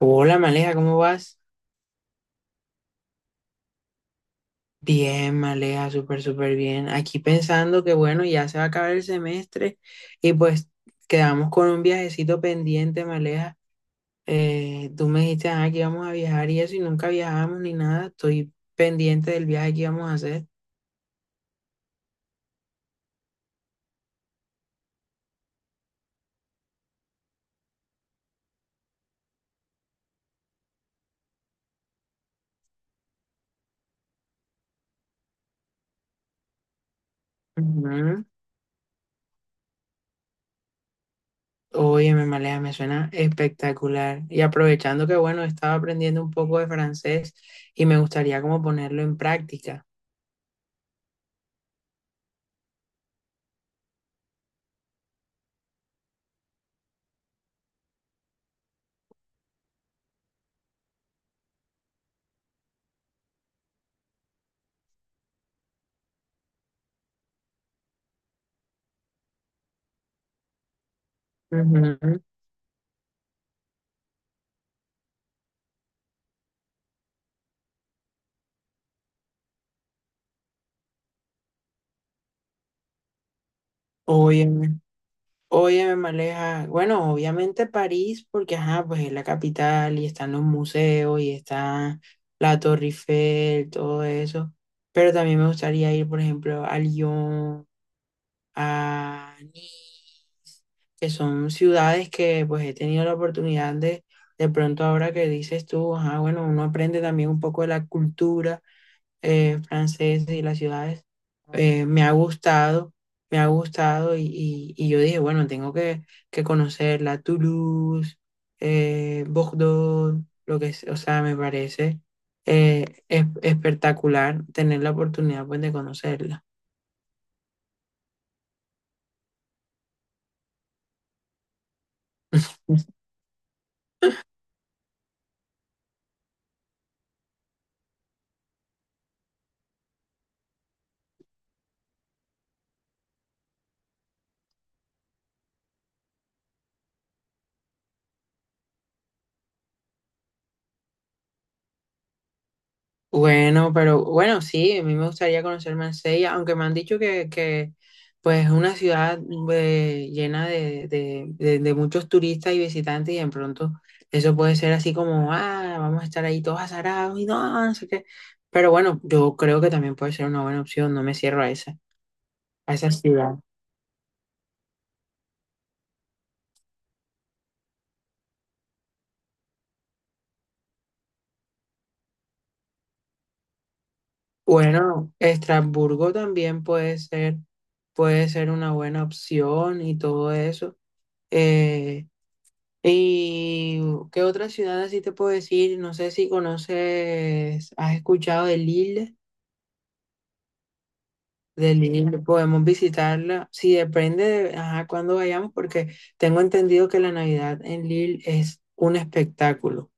Hola, Maleja, ¿cómo vas? Bien, Maleja, súper, súper bien. Aquí pensando que bueno, ya se va a acabar el semestre y pues quedamos con un viajecito pendiente, Maleja. Tú me dijiste, ah, que íbamos a viajar y eso y nunca viajamos ni nada. Estoy pendiente del viaje que íbamos a hacer. Ujú. Óyeme, Maleja, me suena espectacular. Y aprovechando que bueno, estaba aprendiendo un poco de francés y me gustaría como ponerlo en práctica. Oye, Oye, Maleja, bueno, obviamente París, porque ajá, pues es la capital y están los museos y está la Torre Eiffel, todo eso. Pero también me gustaría ir, por ejemplo, a Lyon, a Nice, que son ciudades que pues he tenido la oportunidad de pronto ahora que dices tú, ajá, bueno, uno aprende también un poco de la cultura franceses y las ciudades, eh, me ha gustado, me ha gustado y, y yo dije, bueno, tengo que conocer la Toulouse, Bordeaux, lo que es, o sea, me parece espectacular tener la oportunidad pues, de conocerla. Bueno, pero bueno, sí, a mí me gustaría conocer Marsella, aunque me han dicho que pues es una ciudad llena de, de muchos turistas y visitantes y de pronto eso puede ser así como, ah, vamos a estar ahí todos azarados y no, no sé qué. Pero bueno, yo creo que también puede ser una buena opción, no me cierro a esa ciudad. Bueno, Estrasburgo también puede ser una buena opción y todo eso. Eh, ¿Y qué otra ciudad así te puedo decir? No sé si conoces, has escuchado de Lille. De Lille podemos visitarla. Sí, depende de ajá, cuándo vayamos, porque tengo entendido que la Navidad en Lille es un espectáculo.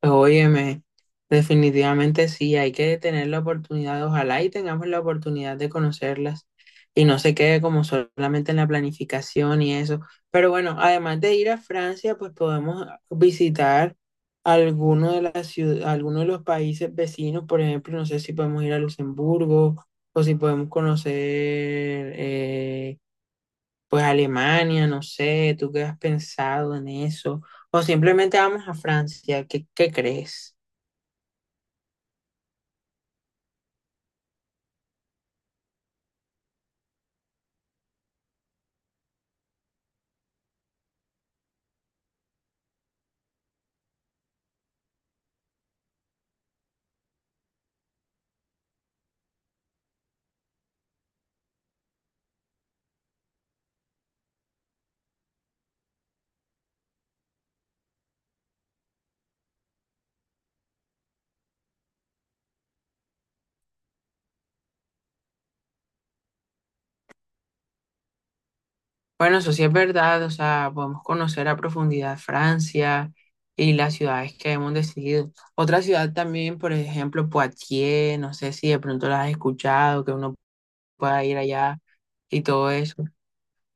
Pues, óyeme, definitivamente sí, hay que tener la oportunidad, ojalá y tengamos la oportunidad de conocerlas y no se quede como solamente en la planificación y eso. Pero bueno, además de ir a Francia, pues podemos visitar alguno de los países vecinos, por ejemplo, no sé si podemos ir a Luxemburgo o si podemos conocer pues Alemania, no sé, ¿tú qué has pensado en eso? O simplemente vamos a Francia, ¿qué crees? Bueno, eso sí es verdad, o sea, podemos conocer a profundidad Francia y las ciudades que hemos decidido. Otra ciudad también, por ejemplo, Poitiers, no sé si de pronto las has escuchado, que uno pueda ir allá y todo eso.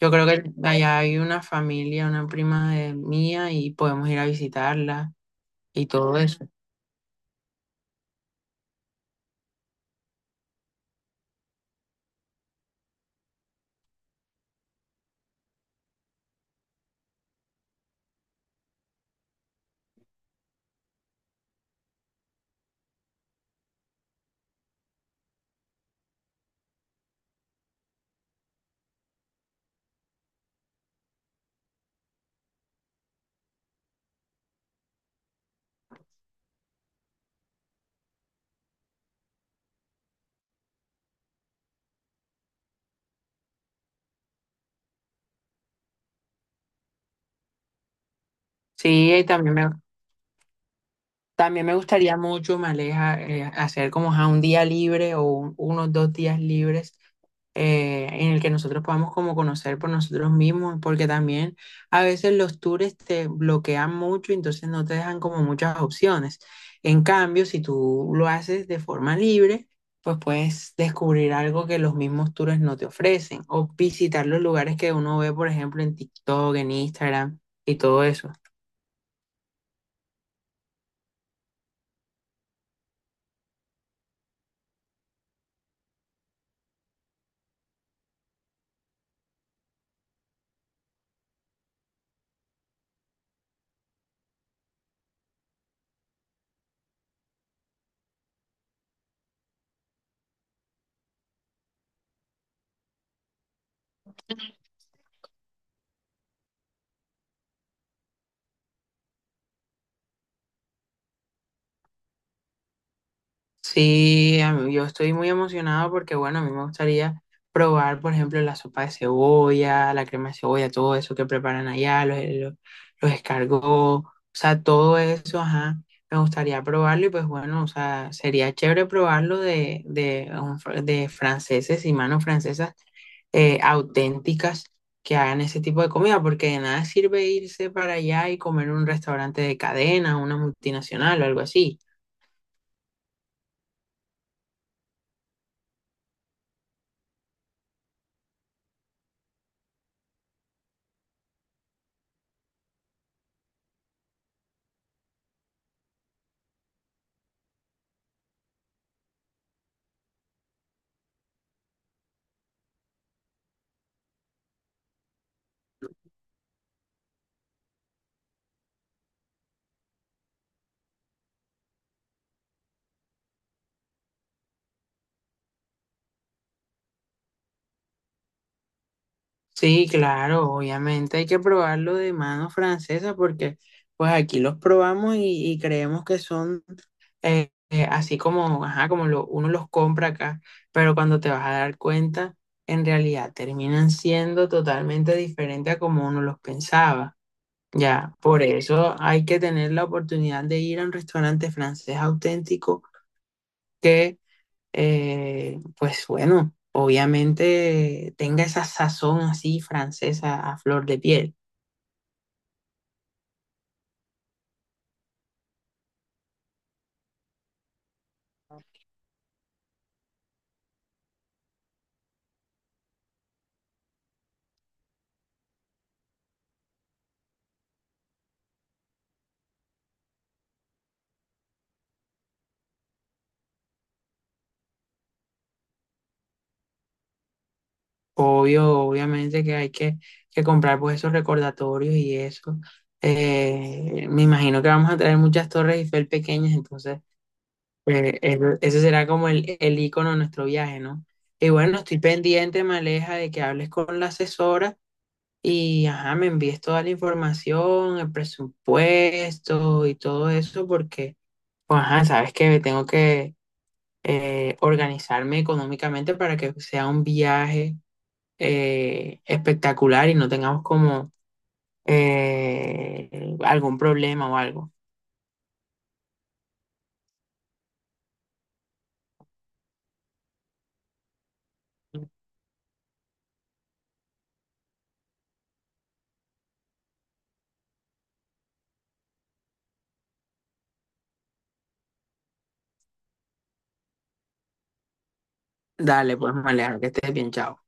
Yo creo que allá hay una familia, una prima de mía y podemos ir a visitarla y todo eso. Sí, y también me, También me gustaría mucho, me aleja, hacer como ajá, un día libre o unos dos días libres en el que nosotros podamos como conocer por nosotros mismos, porque también a veces los tours te bloquean mucho, entonces no te dejan como muchas opciones. En cambio, si tú lo haces de forma libre, pues puedes descubrir algo que los mismos tours no te ofrecen o visitar los lugares que uno ve, por ejemplo, en TikTok, en Instagram y todo eso. Yo estoy muy emocionado porque, bueno, a mí me gustaría probar, por ejemplo, la sopa de cebolla, la crema de cebolla, todo eso que preparan allá, los escargots, o sea, todo eso, ajá, me gustaría probarlo y pues bueno, o sea, sería chévere probarlo de franceses y manos francesas auténticas que hagan ese tipo de comida, porque de nada sirve irse para allá y comer en un restaurante de cadena, una multinacional o algo así. Sí, claro, obviamente hay que probarlo de mano francesa porque pues aquí los probamos y creemos que son así como, ajá, uno los compra acá, pero cuando te vas a dar cuenta, en realidad terminan siendo totalmente diferentes a como uno los pensaba. Ya, por eso hay que tener la oportunidad de ir a un restaurante francés auténtico que pues bueno, obviamente tenga esa sazón así francesa a flor de piel. Obvio, obviamente que hay que comprar pues esos recordatorios y eso. Me imagino que vamos a traer muchas torres Eiffel pequeñas, entonces ese será como el icono de nuestro viaje, ¿no? Y bueno, estoy pendiente, Maleja, de que hables con la asesora y ajá, me envíes toda la información, el presupuesto y todo eso, porque pues, ajá, sabes que tengo que organizarme económicamente para que sea un viaje espectacular y no tengamos como algún problema o algo. Dale, pues, Malejo, que estés bien, chao.